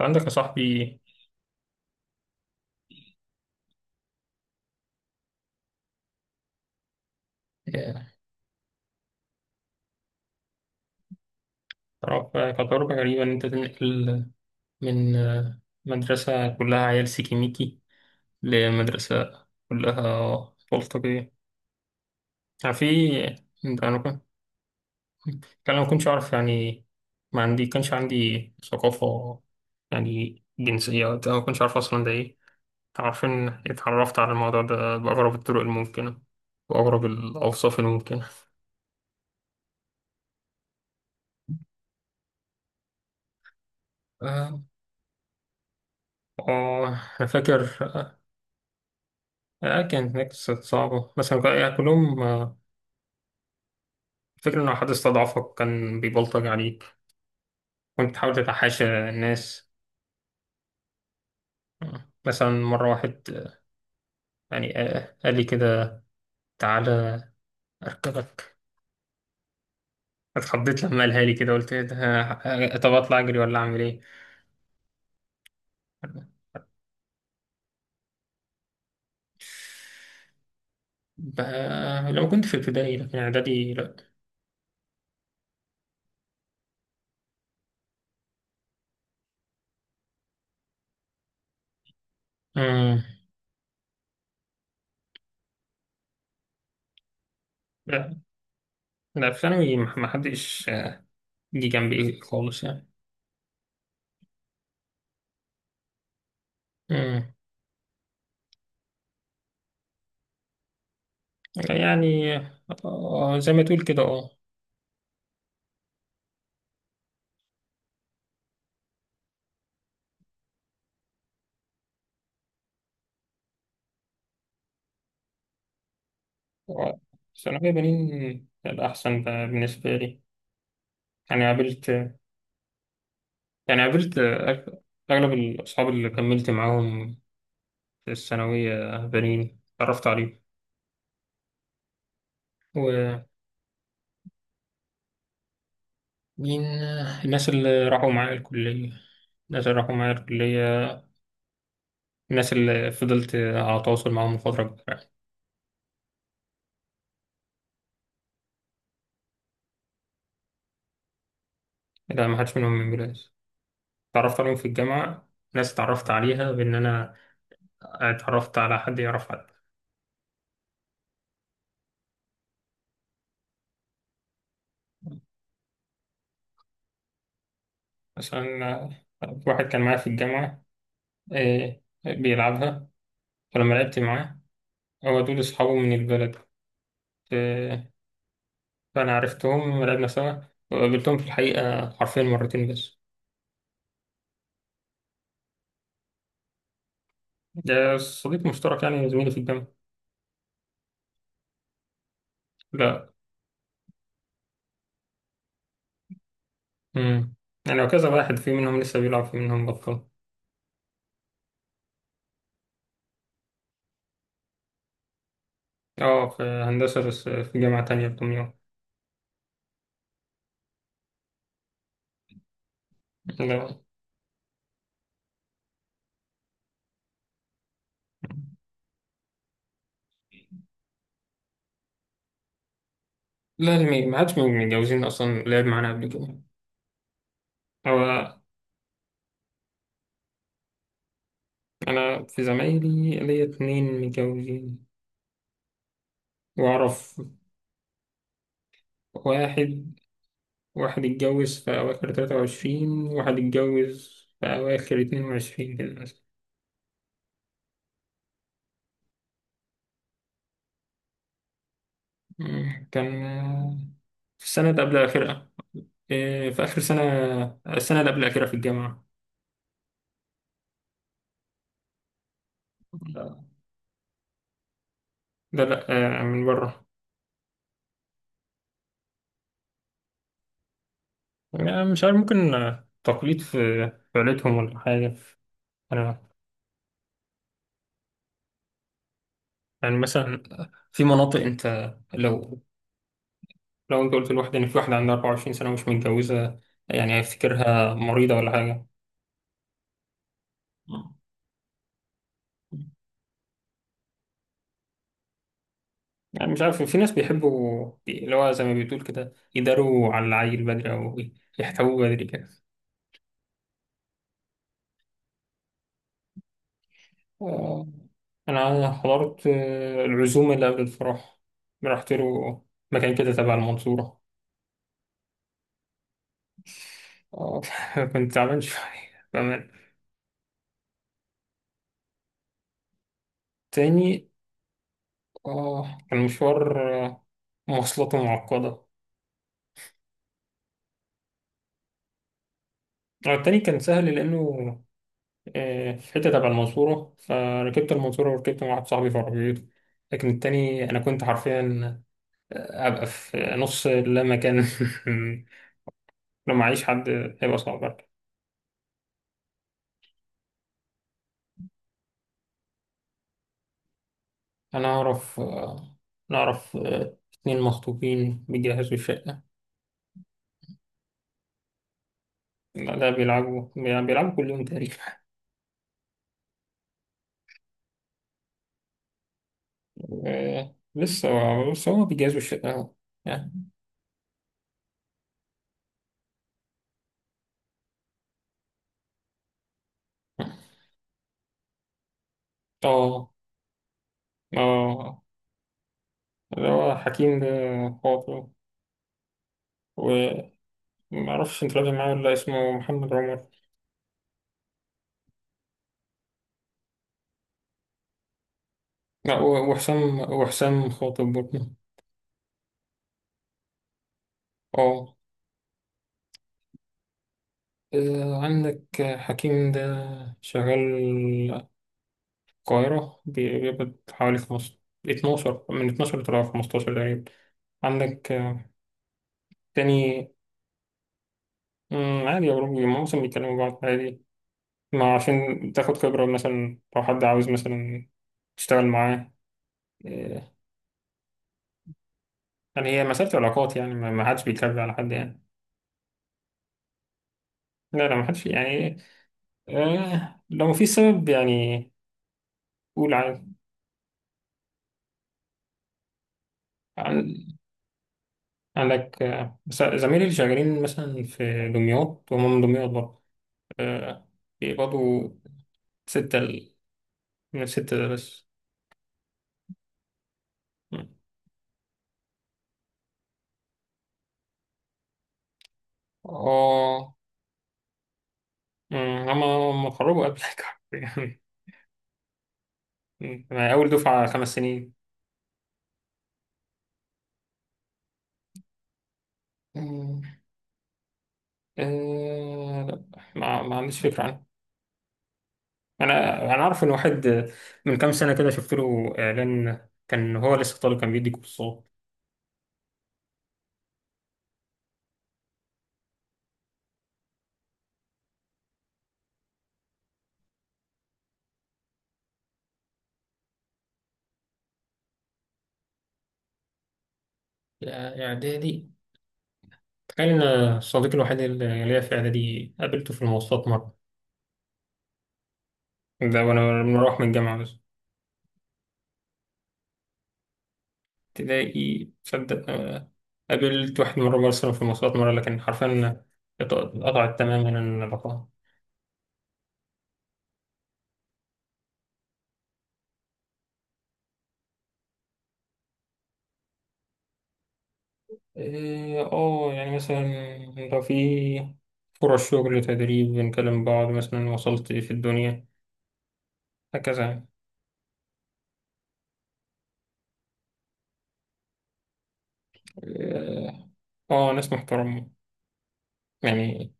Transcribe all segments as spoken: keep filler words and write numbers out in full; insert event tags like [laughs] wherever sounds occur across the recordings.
عندك يا صاحبي. آه، تعرف كتجربة غريبة إن أنت تنقل من آه، مدرسة كلها عيال سيكيميكي لمدرسة كلها أطفال طبيعية. يعني في أنت- أنا كنت. يعني أنا ما كنتش أعرف يعني. ما عندي كانش عندي ثقافة يعني جنسية وقتها، ما كنتش أعرف أصلا ده إيه. عارفين اتعرفت على الموضوع ده بأغرب الطرق الممكنة وأغرب الأوصاف الممكنة. آه آه، أنا فاكر. آه، كانت هناك ست صعبة بس أنا- كان- يعني كلهم، آه، الفكرة إن لو حد استضعفك كان بيبلطج عليك. كنت تحاول تتحاشى الناس. آه، مثلا مرة واحد آه، يعني آه، قال لي كده تعالى أركبك. اتخضيت لما قالها لي كده، قلت إيه ده؟ آه، آه، طب أطلع أجري ولا أعمل إيه؟ بقى لو كنت في ابتدائي لكن إعدادي لأ. مم. لا، لا في ثانوي مح- محدش آه، جه جنبي خالص يعني. مم. يعني آه، زي ما تقول كده، اه. آه، ثانوية بنين الأحسن بالنسبة لي. يعني قابلت، يعني قابلت أغ- أغلب الأصحاب اللي كملت معاهم في الثانوية بنين اتعرفت عليهم. ومين الناس اللي راحوا معايا الكلية، الناس اللي راحوا معايا الكلية، الناس اللي فضلت على تواصل معاهم فترة كبيرة. لا، ما حدش منهم من بلاد، اتعرفت عليهم في الجامعة. ناس اتعرفت عليها بإن أنا اتعرفت على حد يعرف حد. مثلا واحد كان معايا في الجامعة، إيه بيلعبها، فلما لعبت معاه، هو دول أصحابه من البلد، إيه، فأنا عرفتهم لعبنا سوا، وقابلتهم في الحقيقة حرفيا مرتين بس. ده صديق مشترك يعني زميلي في الجامعة. لا. امم. يعني وكذا واحد في منهم لسه بيلعب، في منهم بطل. اه في هندسة، بس في جامعة تانية في دمياط. لا. لا، اللي ما حدش من المتجوزين أصلا لعب معانا قبل كده هو. أنا في زمايلي ليا اتنين متجوزين وأعرف واحد. واحد اتجوز في أواخر تلاتة وعشرين، واحد اتجوز في أواخر اتنين وعشرين كده مثلا. مم، كان آه، في السنة اللي قبل الأخيرة. آه، في آخر سنة، السنة اللي قبل الأخيرة في الجامعة. لا. لا، لا، آه، من بره. يعني مش عارف، ممكن آه، تقليد في في عيلتهم ولا حاجة. أنا يعني مثلا في مناطق أنت لو لو أنت قلت لواحد إن في واحدة عندها 24 سنة ومش متجوزة، يعني هيفتكرها مريضة ولا حاجة. يعني مش عارف في ناس بيحبوا بي- اللي هو زي ما بتقول كده، يداروا على العيل بدري أو يحتووه بدري كده. آه، أنا حضرت آه، العزومة اللي قبل الفرح. رحت له مكان كده تبع المنصورة. آه، [laughs] كنت تعبان شوية بأمان. تاني، آه، كان مشوار آه، مواصلاته معقدة. آه، التاني كان سهل لأنه آه، في حتة تبع المنصورة، فركبت المنصورة وركبت مع واحد صاحبي في عربيته. لكن التاني أنا كنت حرفيا ابقى في نص اللامكان. [laughs] لو معيش حد هيبقى صعب برضه. انا اعرف، نعرف اتنين مخطوبين بيجهزوا الشقة. لا ده بيلعبوا بيلعبوا كل يوم تقريبا. [laughs] آه، لسه، بس هما بيجهزوا الشقة أهو. يعني. [laughs] اه، اه، اللي هو حكيم ده، خاطر. ومعرفش انت لازم معاه ولا لأ، اسمه محمد عمر. لا و- وحسام، وحسام خاطر برضه. اه، آه، عندك حكيم ده شغال القاهرة، بي- بيقبض حوالي خمس اتناشر، من اتناشر لطلع خمستاشر تقريبا. عندك آه، تاني، مم، عادي يا أوروبي، معظم بيتكلموا بعض عادي، ما عشان تاخد خبرة مثلا، لو حد عاوز مثلا تشتغل معاه. آه، يعني هي مسألة علاقات يعني، ما ما حدش بيكذب على حد يعني. لا، لا، ما حدش يعني، آه، لو مفيش سبب يعني قول عادي. عندك آه، بس زمايلي اللي شغالين مثلا في دمياط وهم من دمياط برضه، آه، بيقبضوا ستة ال- من الستة ده بس. اه. مم، هما هما اتخرجوا قبلك. [laughs] يعني أنا أول دفعة خمس سنين. مم، آه، لا، ما, ما عنديش فكرة عنه. أنا أنا أعرف إن واحد من كام سنة كده شفت له إعلان، كان هو لسه طالب كان بيدي كورسات. يا- يا إعدادي، تخيل إن صديقي الوحيد اللي ليا في إعدادي قابلته في المواصلات مرة، ده وانا مروح من الجامعة بس. تلاقي تصدق، آه، قابلت واحد مرة برسله في المواصلات مرة، لكن حرفيا ات- اتقطعت تماما العلاقة. اه، آه، يعني مثلا لو في فرص شغل تدريب بنكلم بعض مثلا، وصلت في الدنيا هكذا يعني. اه، آه، ناس محترمة يعني.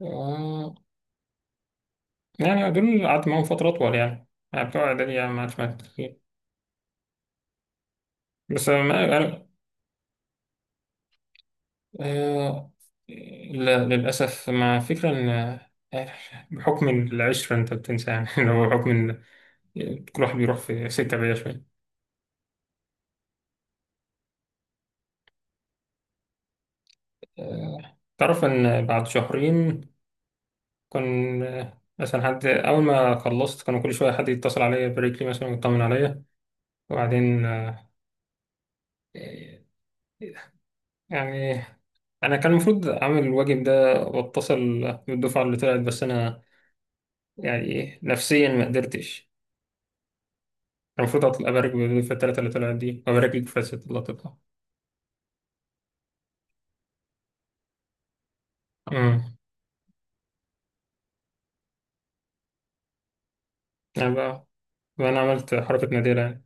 آه، يعني دول قعدت معاهم فترة أطول يعني، يعني بتوع إعدادي يعني ما عادش معايا كتير، بس ما أنا، آه، لا للأسف، مع فكرة إن آه، بحكم العشرة أنت بتنسى يعني. [laughs] لو بحكم إن كل واحد بيروح في سكة بعيدة شوية. آه، تعرف إن بعد شهرين كان، آه، مثلا حد، أول ما خلصت كانوا كل شوية حد يتصل عليا يبارك لي مثلا ويطمن عليا. وبعدين آه، يعني أنا كان المفروض أعمل الواجب ده وأتصل بالدفعة اللي طلعت، بس أنا يعني نفسيا ما قدرتش. المفروض أطلع أبارك في التلاتة اللي طلعت دي وأبارك لك في الست اللي هتطلع. أمم. أنا بقى أنا عملت حركة نادرة يعني.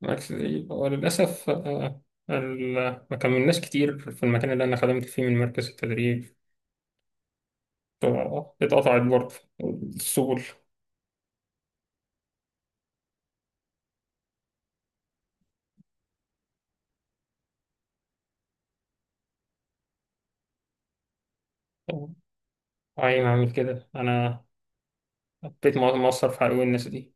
بس- وللأسف آه، ال- ما كملناش كتير في المكان اللي أنا خدمت فيه من مركز التدريب، ف- اتقطعت برضه السبل. أي ما أعمل كده، أنا بقيت مقصر في حقوق الناس دي.